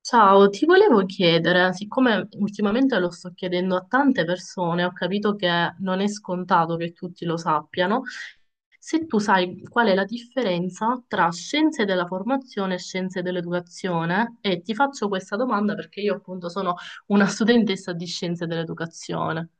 Ciao, ti volevo chiedere, siccome ultimamente lo sto chiedendo a tante persone, ho capito che non è scontato che tutti lo sappiano, se tu sai qual è la differenza tra scienze della formazione e scienze dell'educazione, e ti faccio questa domanda perché io appunto sono una studentessa di scienze dell'educazione.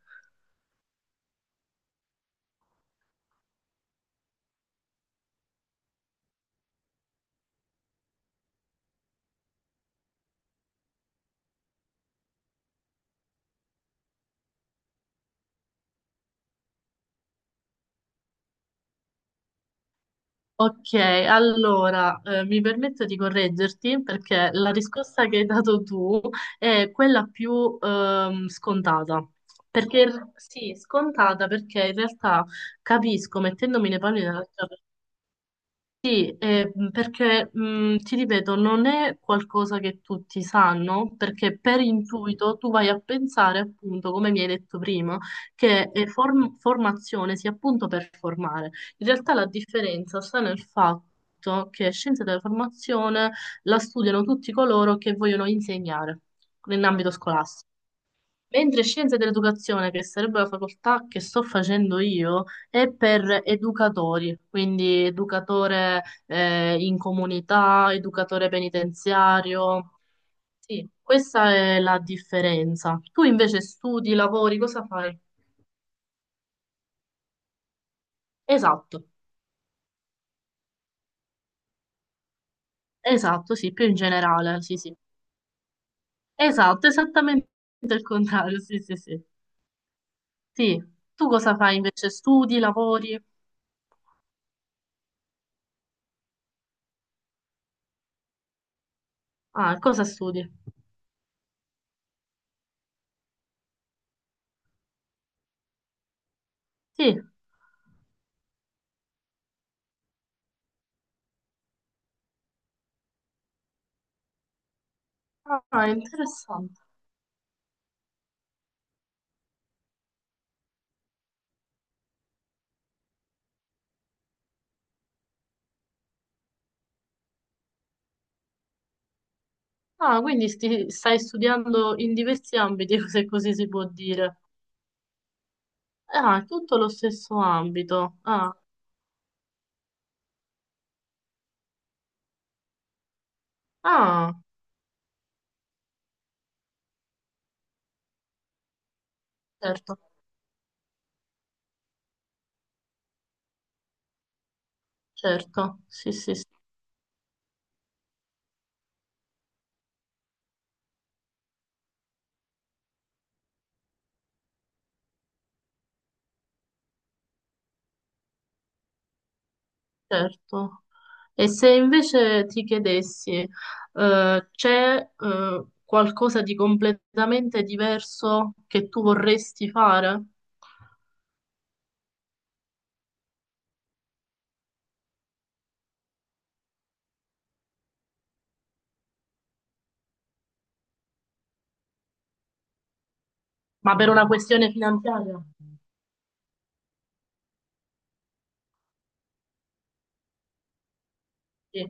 Ok, allora mi permetto di correggerti perché la risposta che hai dato tu è quella più scontata. Perché sì, scontata perché in realtà capisco, mettendomi nei panni della sì, perché ti ripeto, non è qualcosa che tutti sanno, perché per intuito tu vai a pensare appunto, come mi hai detto prima, che formazione sia appunto per formare. In realtà la differenza sta nel fatto che scienze della formazione la studiano tutti coloro che vogliono insegnare in ambito scolastico. Mentre scienze dell'educazione, che sarebbe la facoltà che sto facendo io, è per educatori, quindi educatore in comunità, educatore penitenziario. Sì, questa è la differenza. Tu invece studi, lavori, cosa fai? Esatto, esatto, sì, più in generale, sì, sì. Esatto, esattamente il contrario, sì, sì, sì. Sì, tu cosa fai invece? Studi, lavori? Ah, cosa studi? Sì, ah, interessante. Ah, quindi stai studiando in diversi ambiti, se così si può dire. Ah, tutto lo stesso ambito. Ah, ah, certo, certo, sì, sì, sì, certo. E se invece ti chiedessi, c'è, qualcosa di completamente diverso che tu vorresti fare? Ma per una questione finanziaria? Sì.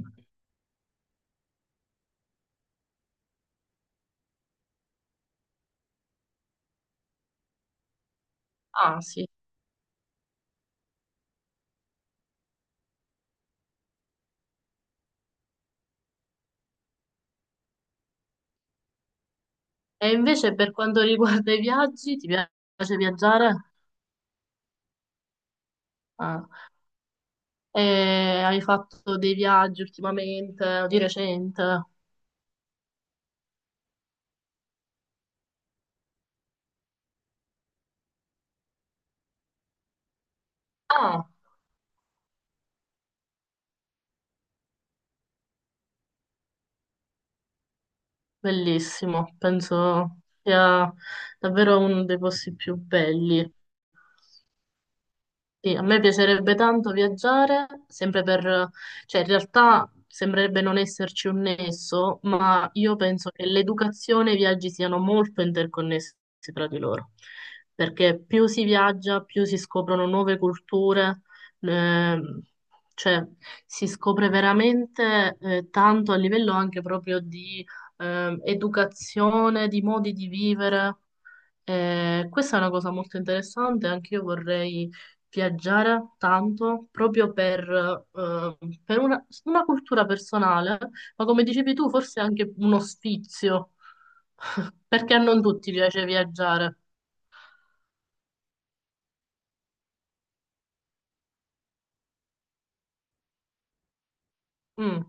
Ah, sì. E invece per quanto riguarda i viaggi, ti piace viaggiare? Ah. E hai fatto dei viaggi ultimamente o di recente? Ah, bellissimo, penso sia davvero uno dei posti più belli. Sì, a me piacerebbe tanto viaggiare, sempre per, cioè in realtà sembrerebbe non esserci un nesso, ma io penso che l'educazione e i viaggi siano molto interconnessi tra di loro, perché più si viaggia, più si scoprono nuove culture, ehm, cioè si scopre veramente tanto a livello anche proprio di educazione, di modi di vivere. Questa è una cosa molto interessante, anche io vorrei viaggiare tanto proprio eh, per una cultura personale, ma come dicevi tu, forse anche uno sfizio, perché a non tutti piace viaggiare. Mm,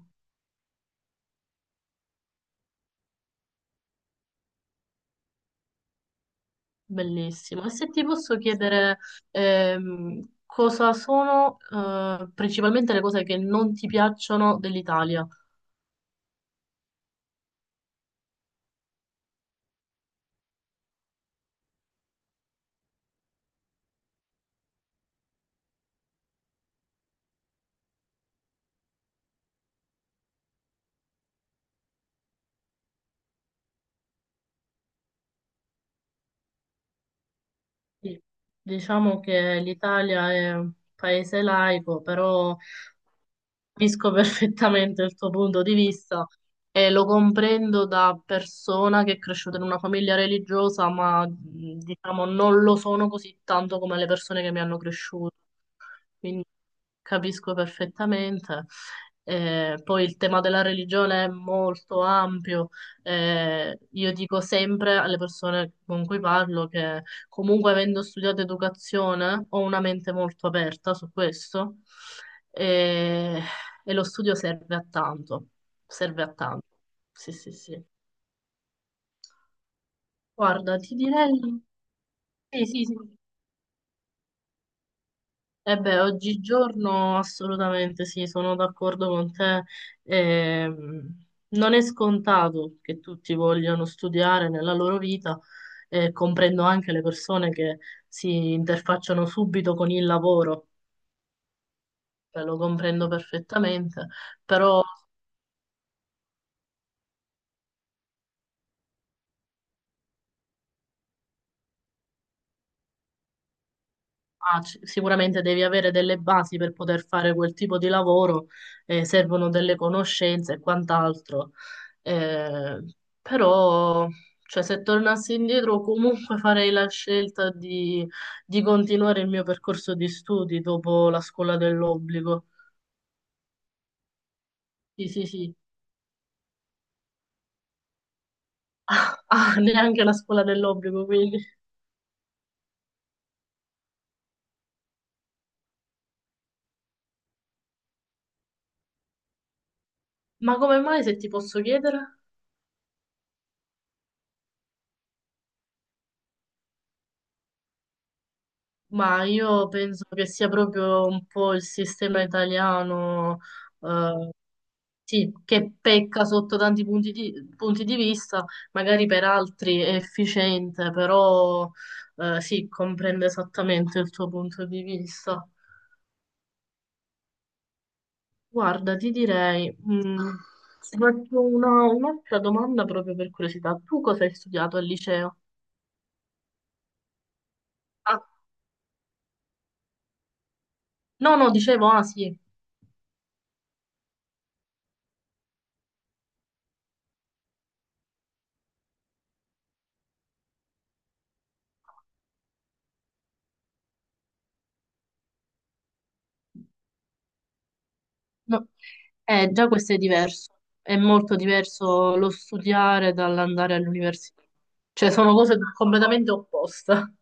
bellissimo. E se ti posso chiedere, cosa sono, principalmente le cose che non ti piacciono dell'Italia? Sì, diciamo che l'Italia è un paese laico, però capisco perfettamente il tuo punto di vista e lo comprendo da persona che è cresciuta in una famiglia religiosa, ma diciamo non lo sono così tanto come le persone che mi hanno cresciuto. Quindi capisco perfettamente. Poi il tema della religione è molto ampio. Io dico sempre alle persone con cui parlo che comunque avendo studiato educazione ho una mente molto aperta su questo e, e lo studio serve a tanto, serve a tanto. Sì, sì, sì. Guarda, ti direi... Sì, sì, sì. Eh beh, oggigiorno assolutamente sì, sono d'accordo con te. Non è scontato che tutti vogliano studiare nella loro vita, e comprendo anche le persone che si interfacciano subito con il lavoro, lo comprendo perfettamente, però ah, sicuramente devi avere delle basi per poter fare quel tipo di lavoro, servono delle conoscenze e quant'altro. Eh, però, cioè, se tornassi indietro, comunque farei la scelta di continuare il mio percorso di studi dopo la scuola dell'obbligo. Sì, sì, sì. Ah, neanche la scuola dell'obbligo, quindi. Ma come mai, se ti posso chiedere? Ma io penso che sia proprio un po' il sistema italiano eh, sì, che pecca sotto tanti punti di vista, magari per altri è efficiente, però sì, comprende esattamente il tuo punto di vista. Guarda, ti direi, ti faccio un'altra domanda proprio per curiosità. Tu cosa hai studiato al liceo? Ah, no, no, dicevo, ah sì, no. Già questo è diverso, è molto diverso lo studiare dall'andare all'università, cioè sono cose completamente opposte.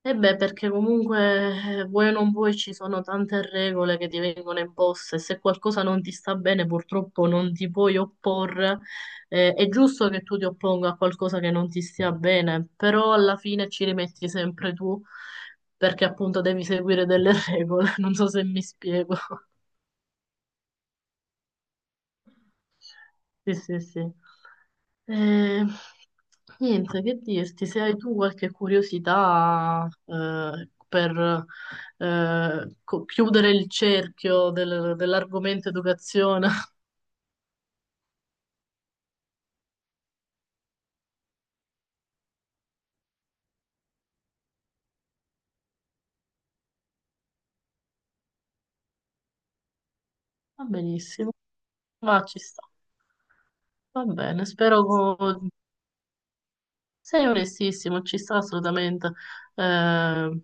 E beh, perché comunque vuoi o non vuoi ci sono tante regole che ti vengono imposte. Se qualcosa non ti sta bene, purtroppo non ti puoi opporre. È giusto che tu ti opponga a qualcosa che non ti stia bene, però alla fine ci rimetti sempre tu, perché appunto devi seguire delle regole. Non so se mi spiego. Sì, sì, sì. Eh, niente, che dirti, se hai tu qualche curiosità per chiudere il cerchio dell'argomento educazione, va benissimo, ma ci sta. Va bene, spero sei onestissimo, ci sta assolutamente. Eh,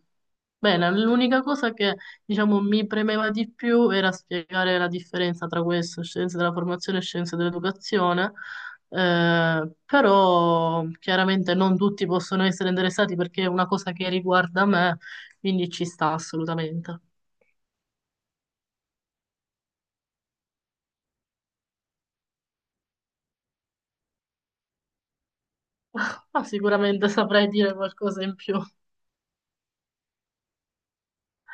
bene, l'unica cosa che diciamo mi premeva di più era spiegare la differenza tra questo, scienze della formazione e scienze dell'educazione, però chiaramente non tutti possono essere interessati perché è una cosa che riguarda me, quindi ci sta assolutamente. Ma sicuramente saprei dire qualcosa in più.